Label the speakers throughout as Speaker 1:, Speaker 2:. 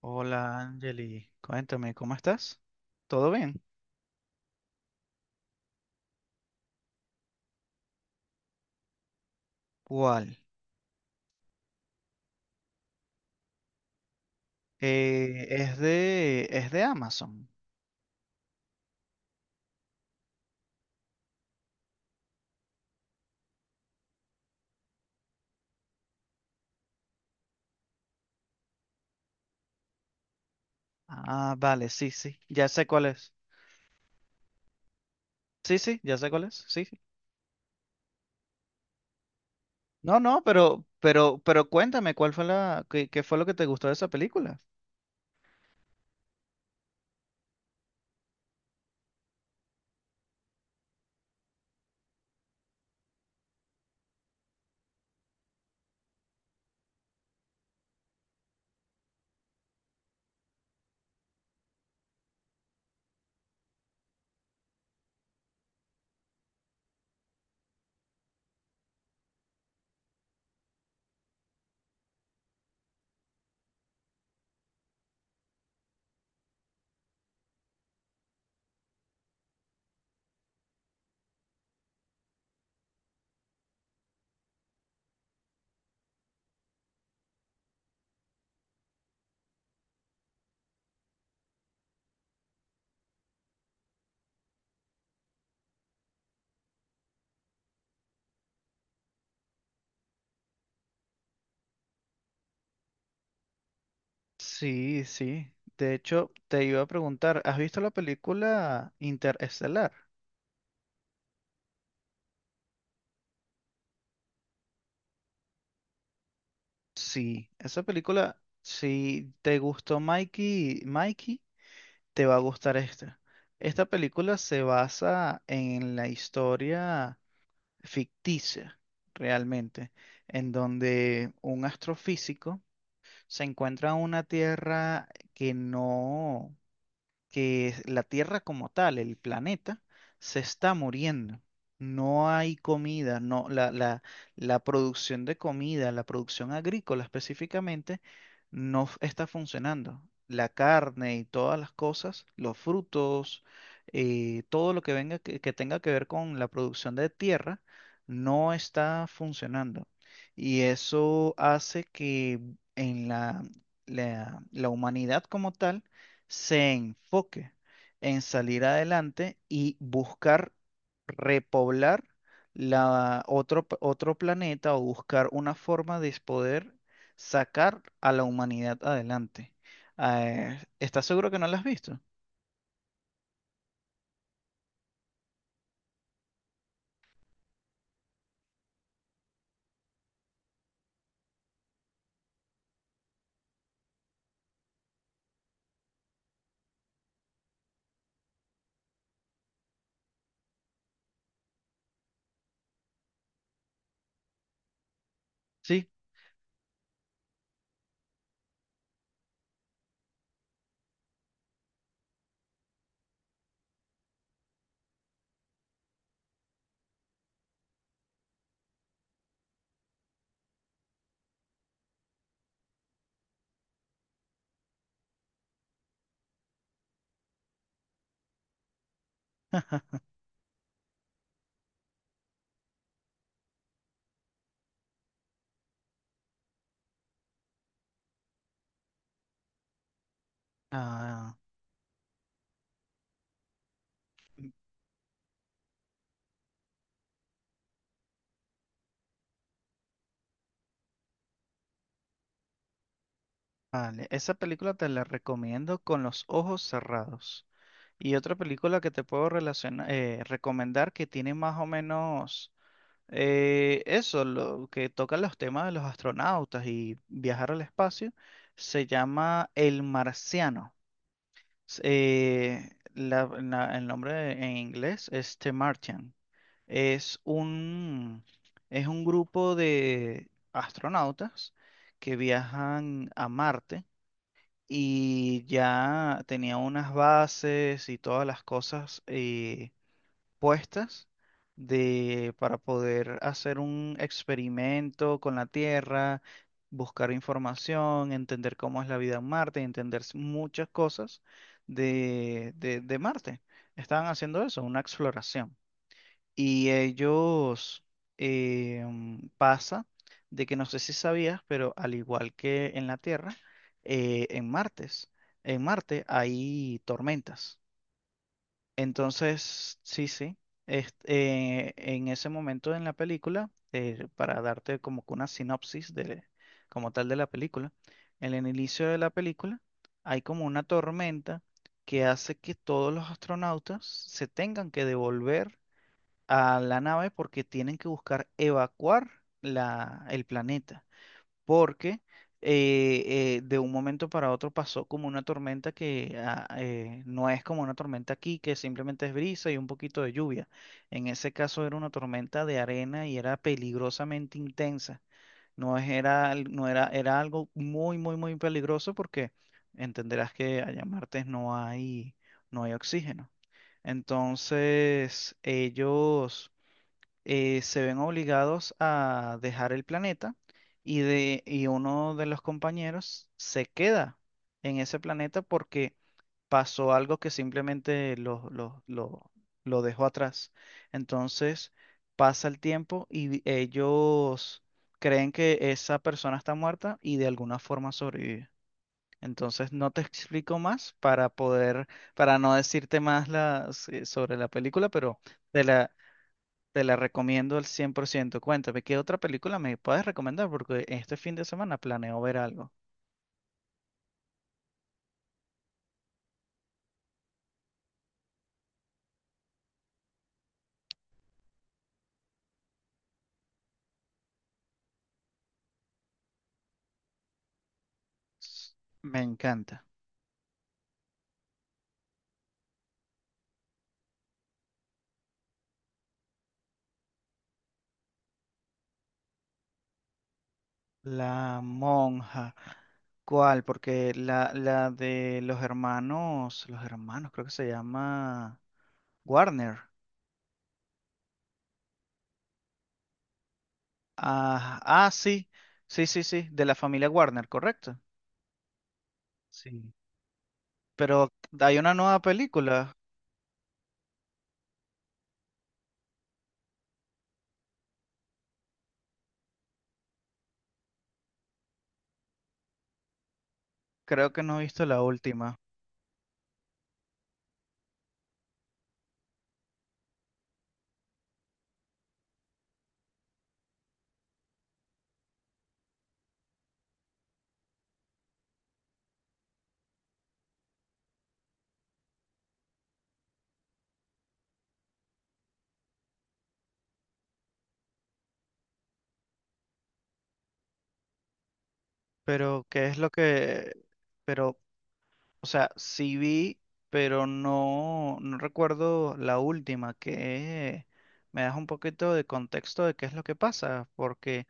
Speaker 1: Hola, Angeli. Cuéntame, ¿cómo estás? ¿Todo bien? ¿Cuál? Es de, es de Amazon. Ah, vale, sí, sí. Ya sé cuál es. Sí, sí, ya sé cuál es. Sí, sí. No, no, pero, pero cuéntame, ¿cuál fue la, qué, qué fue lo que te gustó de esa película? Sí, sí. De hecho, te iba a preguntar, ¿has visto la película Interestelar? Sí, esa película, si te gustó Mikey, Mikey. Te va a gustar esta. Esta película se basa en la historia ficticia, realmente, en donde un astrofísico se encuentra en una tierra que no, que es la Tierra como tal, el planeta, se está muriendo. No hay comida, no, la, la producción de comida, la producción agrícola específicamente, no f- está funcionando. La carne y todas las cosas, los frutos, todo lo que venga que tenga que ver con la producción de tierra, no está funcionando. Y eso hace que en la, la humanidad como tal se enfoque en salir adelante y buscar repoblar la otro, otro planeta o buscar una forma de poder sacar a la humanidad adelante. ¿Estás seguro que no la has visto? Sí. Ah, vale. Esa película te la recomiendo con los ojos cerrados. Y otra película que te puedo recomendar que tiene más o menos eso, lo que toca los temas de los astronautas y viajar al espacio, se llama El Marciano. El nombre en inglés es The Martian. Es un, es un grupo de astronautas que viajan a Marte y ya tenía unas bases y todas las cosas puestas de, para poder hacer un experimento con la Tierra, buscar información, entender cómo es la vida en Marte, muchas cosas de Marte. Estaban haciendo eso, una exploración. Y ellos pasa de que no sé si sabías, pero al igual que en la Tierra, eh, en Martes, en Marte hay tormentas. Entonces, sí, sí. Este, en ese momento en la película, para darte como que una sinopsis de, como tal de la película, en el inicio de la película hay como una tormenta que hace que todos los astronautas se tengan que devolver a la nave porque tienen que buscar evacuar la, el planeta porque eh, de un momento para otro pasó como una tormenta que no es como una tormenta aquí, que simplemente es brisa y un poquito de lluvia. En ese caso era una tormenta de arena y era peligrosamente intensa. No era, era algo muy, muy, muy peligroso porque entenderás que allá en Martes no hay, no hay oxígeno. Entonces, ellos se ven obligados a dejar el planeta y, y uno de los compañeros se queda en ese planeta porque pasó algo que simplemente lo dejó atrás. Entonces pasa el tiempo ellos creen que esa persona está muerta y de alguna forma sobrevive. Entonces no te explico más para poder, para no decirte más sobre la película, pero te la, te la recomiendo al 100%. Cuéntame, ¿qué otra película me puedes recomendar? Porque este fin de semana planeo ver algo. S- Me encanta. La monja. ¿Cuál? Porque la de los hermanos, creo que se llama Warner. Ah, ah, sí, sí, de la familia Warner, correcto. Sí. Pero hay una nueva película, creo que no he visto la última. Pero, ¿qué es lo que... Pero o sea, sí vi, pero no, no recuerdo la última, que me das un poquito de contexto de qué es lo que pasa, porque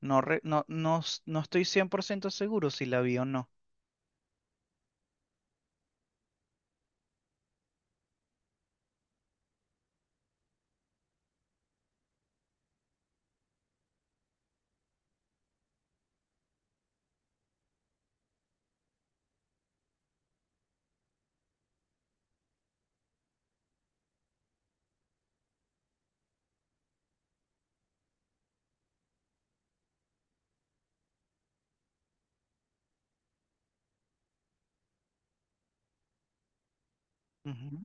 Speaker 1: no, no, no estoy 100% seguro si la vi o no. Ujú.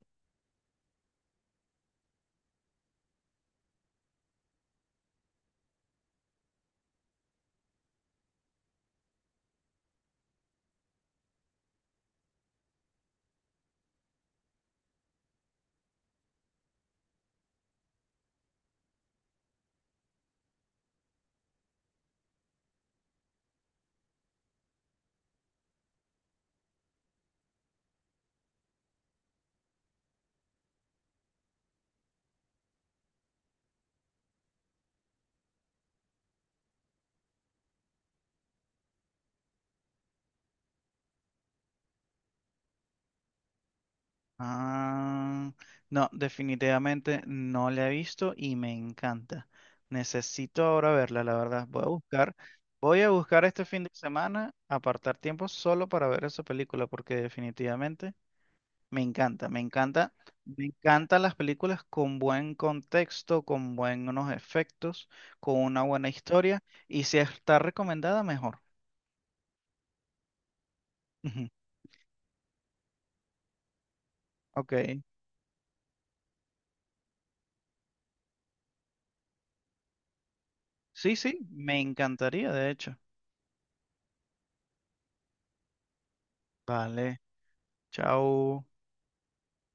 Speaker 1: Ah, no, definitivamente no la he visto y me encanta. Necesito ahora verla, la verdad. Voy a buscar este fin de semana, apartar tiempo solo para ver esa película, porque definitivamente... Me encanta, me encanta, me encantan las películas con buen contexto, con buenos efectos, con una buena historia y si está recomendada, mejor. Ujú, Ok. Sí, sí, me encantaría, de hecho. Vale, chao.